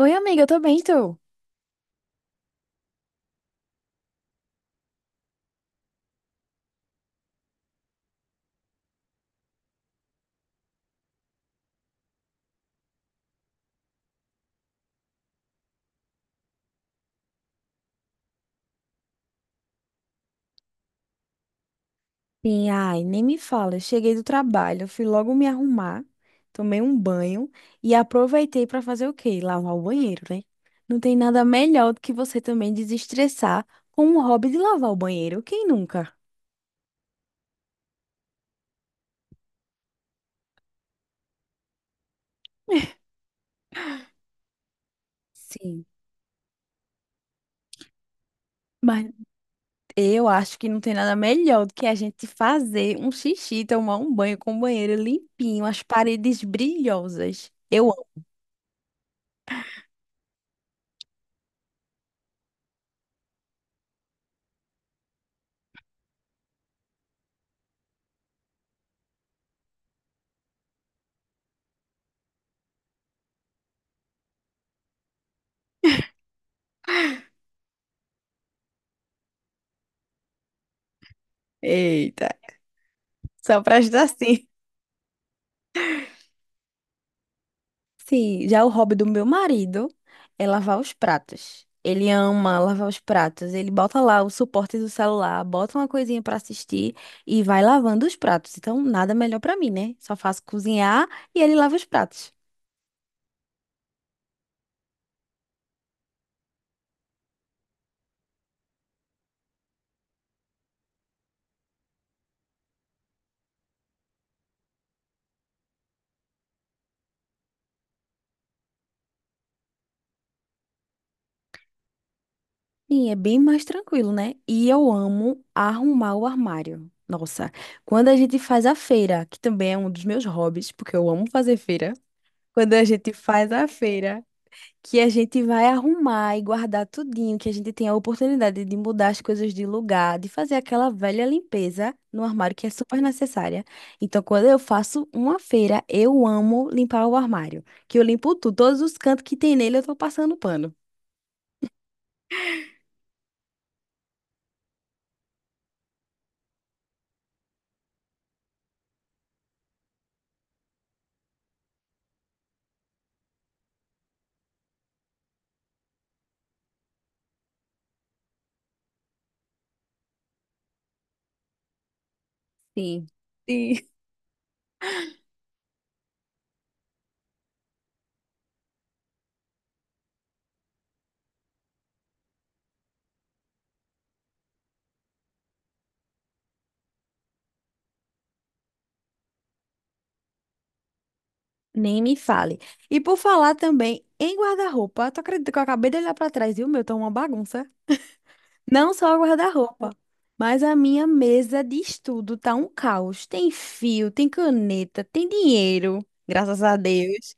Oi, amiga, eu tô bem, tu? Sim, ai, nem me fala. Eu cheguei do trabalho, fui logo me arrumar, tomei um banho e aproveitei para fazer o quê? Lavar o banheiro, né? Não tem nada melhor do que você também desestressar com um hobby de lavar o banheiro. Quem nunca? Sim. Mas eu acho que não tem nada melhor do que a gente fazer um xixi, tomar um banho com o banheiro limpinho, as paredes brilhosas. Eu amo. Eita, só pra ajudar sim. Sim, já é o hobby do meu marido é lavar os pratos. Ele ama lavar os pratos. Ele bota lá o suporte do celular, bota uma coisinha pra assistir e vai lavando os pratos. Então, nada melhor pra mim, né? Só faço cozinhar e ele lava os pratos. Sim, é bem mais tranquilo, né? E eu amo arrumar o armário. Nossa, quando a gente faz a feira, que também é um dos meus hobbies, porque eu amo fazer feira. Quando a gente faz a feira, que a gente vai arrumar e guardar tudinho, que a gente tem a oportunidade de mudar as coisas de lugar, de fazer aquela velha limpeza no armário que é super necessária. Então, quando eu faço uma feira, eu amo limpar o armário, que eu limpo tudo, todos os cantos que tem nele eu tô passando pano. Sim. Sim. Nem me fale. E por falar também em guarda-roupa, tu acredita que eu acabei de olhar pra trás e o meu tá uma bagunça? Não só o guarda-roupa, mas a minha mesa de estudo tá um caos. Tem fio, tem caneta, tem dinheiro, graças a Deus.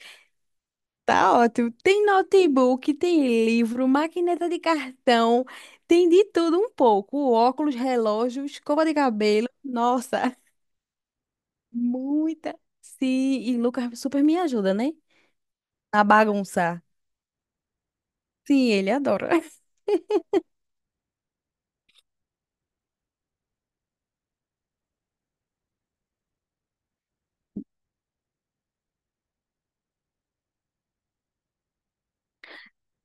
Tá ótimo. Tem notebook, tem livro, maquineta de cartão, tem de tudo um pouco. Óculos, relógio, escova de cabelo. Nossa, muita. Sim, e Lucas super me ajuda, né? A bagunça. Sim, ele adora.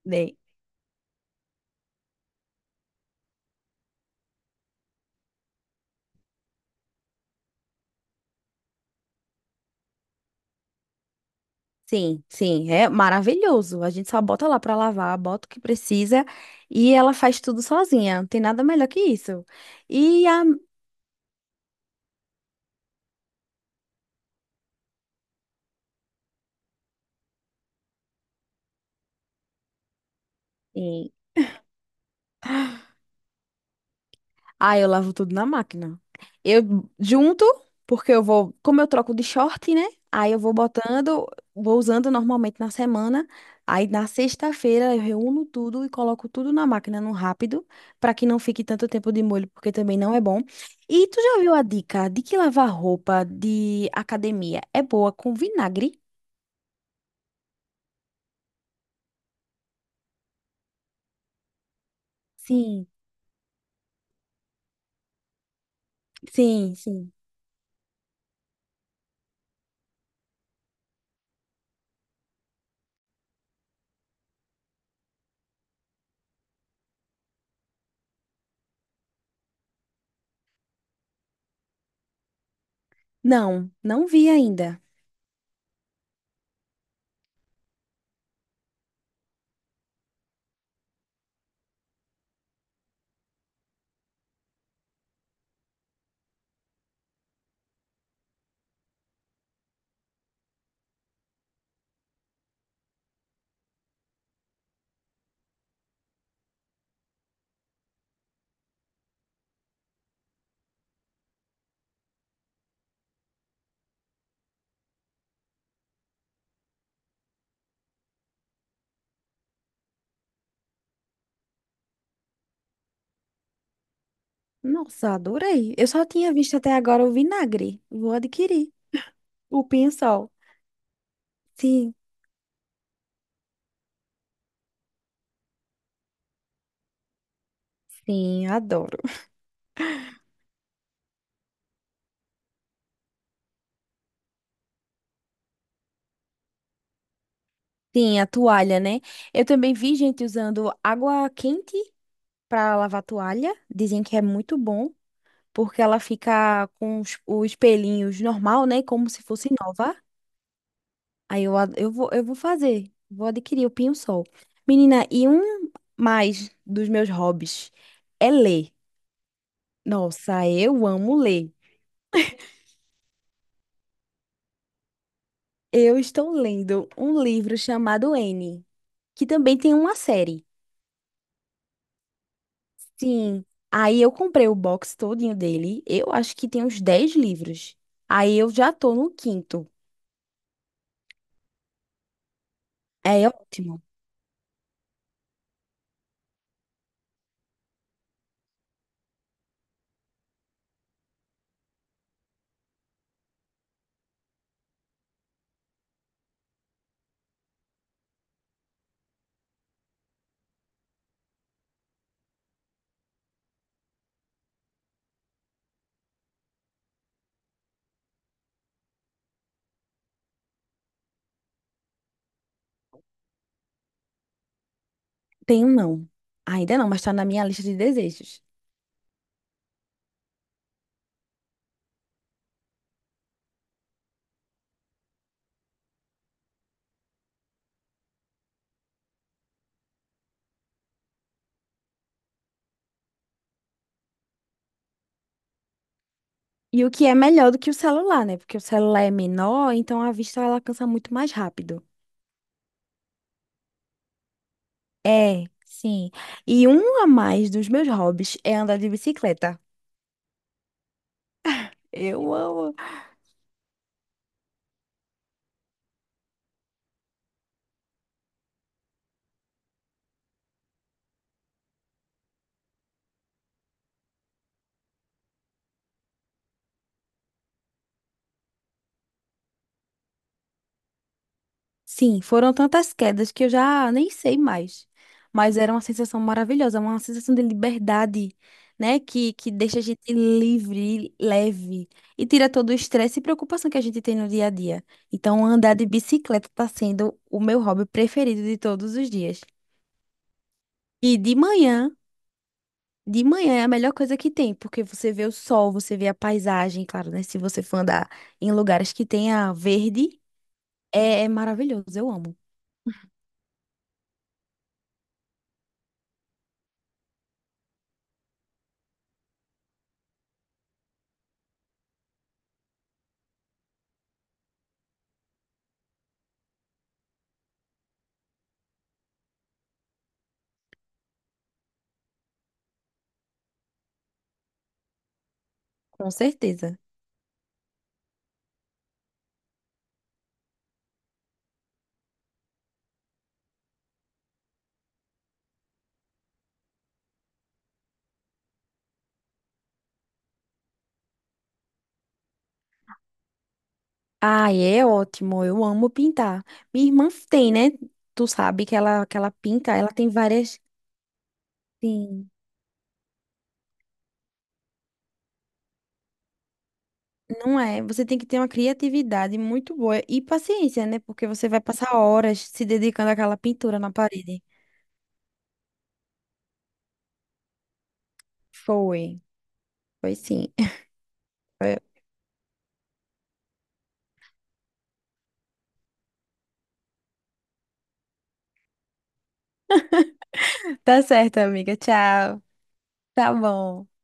Né? Sim, sim, é maravilhoso. A gente só bota lá pra lavar, bota o que precisa e ela faz tudo sozinha. Não tem nada melhor que isso. E a, sim. Ah, eu lavo tudo na máquina. Eu junto, porque eu vou, como eu troco de short, né? Aí eu vou botando, vou usando normalmente na semana. Aí na sexta-feira eu reúno tudo e coloco tudo na máquina no rápido, para que não fique tanto tempo de molho, porque também não é bom. E tu já viu a dica de que lavar roupa de academia é boa com vinagre? Sim, sim, sim. Não, não vi ainda. Nossa, adorei. Eu só tinha visto até agora o vinagre. Vou adquirir. O pinhão-sol. Sim, sim, adoro. Sim, a toalha, né? Eu também vi gente usando água quente para lavar a toalha. Dizem que é muito bom, porque ela fica com os pelinhos normal, né? Como se fosse nova. Aí eu, eu vou fazer. Vou adquirir o pinho-sol. Menina, e um mais dos meus hobbies é ler. Nossa, eu amo ler. Eu estou lendo um livro chamado N, que também tem uma série. Sim. Aí eu comprei o box todinho dele. Eu acho que tem uns 10 livros. Aí eu já tô no quinto. É ótimo. Tenho não. Ainda não, mas tá na minha lista de desejos. E o que é melhor do que o celular, né? Porque o celular é menor, então a vista ela cansa muito mais rápido. É, sim. E um a mais dos meus hobbies é andar de bicicleta. Eu amo. Sim, foram tantas quedas que eu já nem sei mais. Mas era uma sensação maravilhosa, uma sensação de liberdade, né? Que deixa a gente livre, leve e tira todo o estresse e preocupação que a gente tem no dia a dia. Então, andar de bicicleta está sendo o meu hobby preferido de todos os dias. E de manhã é a melhor coisa que tem, porque você vê o sol, você vê a paisagem, claro, né? Se você for andar em lugares que tenha verde, é maravilhoso, eu amo, com certeza. Ah, é ótimo, eu amo pintar. Minha irmã tem, né? Tu sabe que ela pinta, ela tem várias. Sim. Não é? Você tem que ter uma criatividade muito boa e paciência, né? Porque você vai passar horas se dedicando àquela pintura na parede. Foi, foi sim. Tá certo, amiga. Tchau. Tá bom.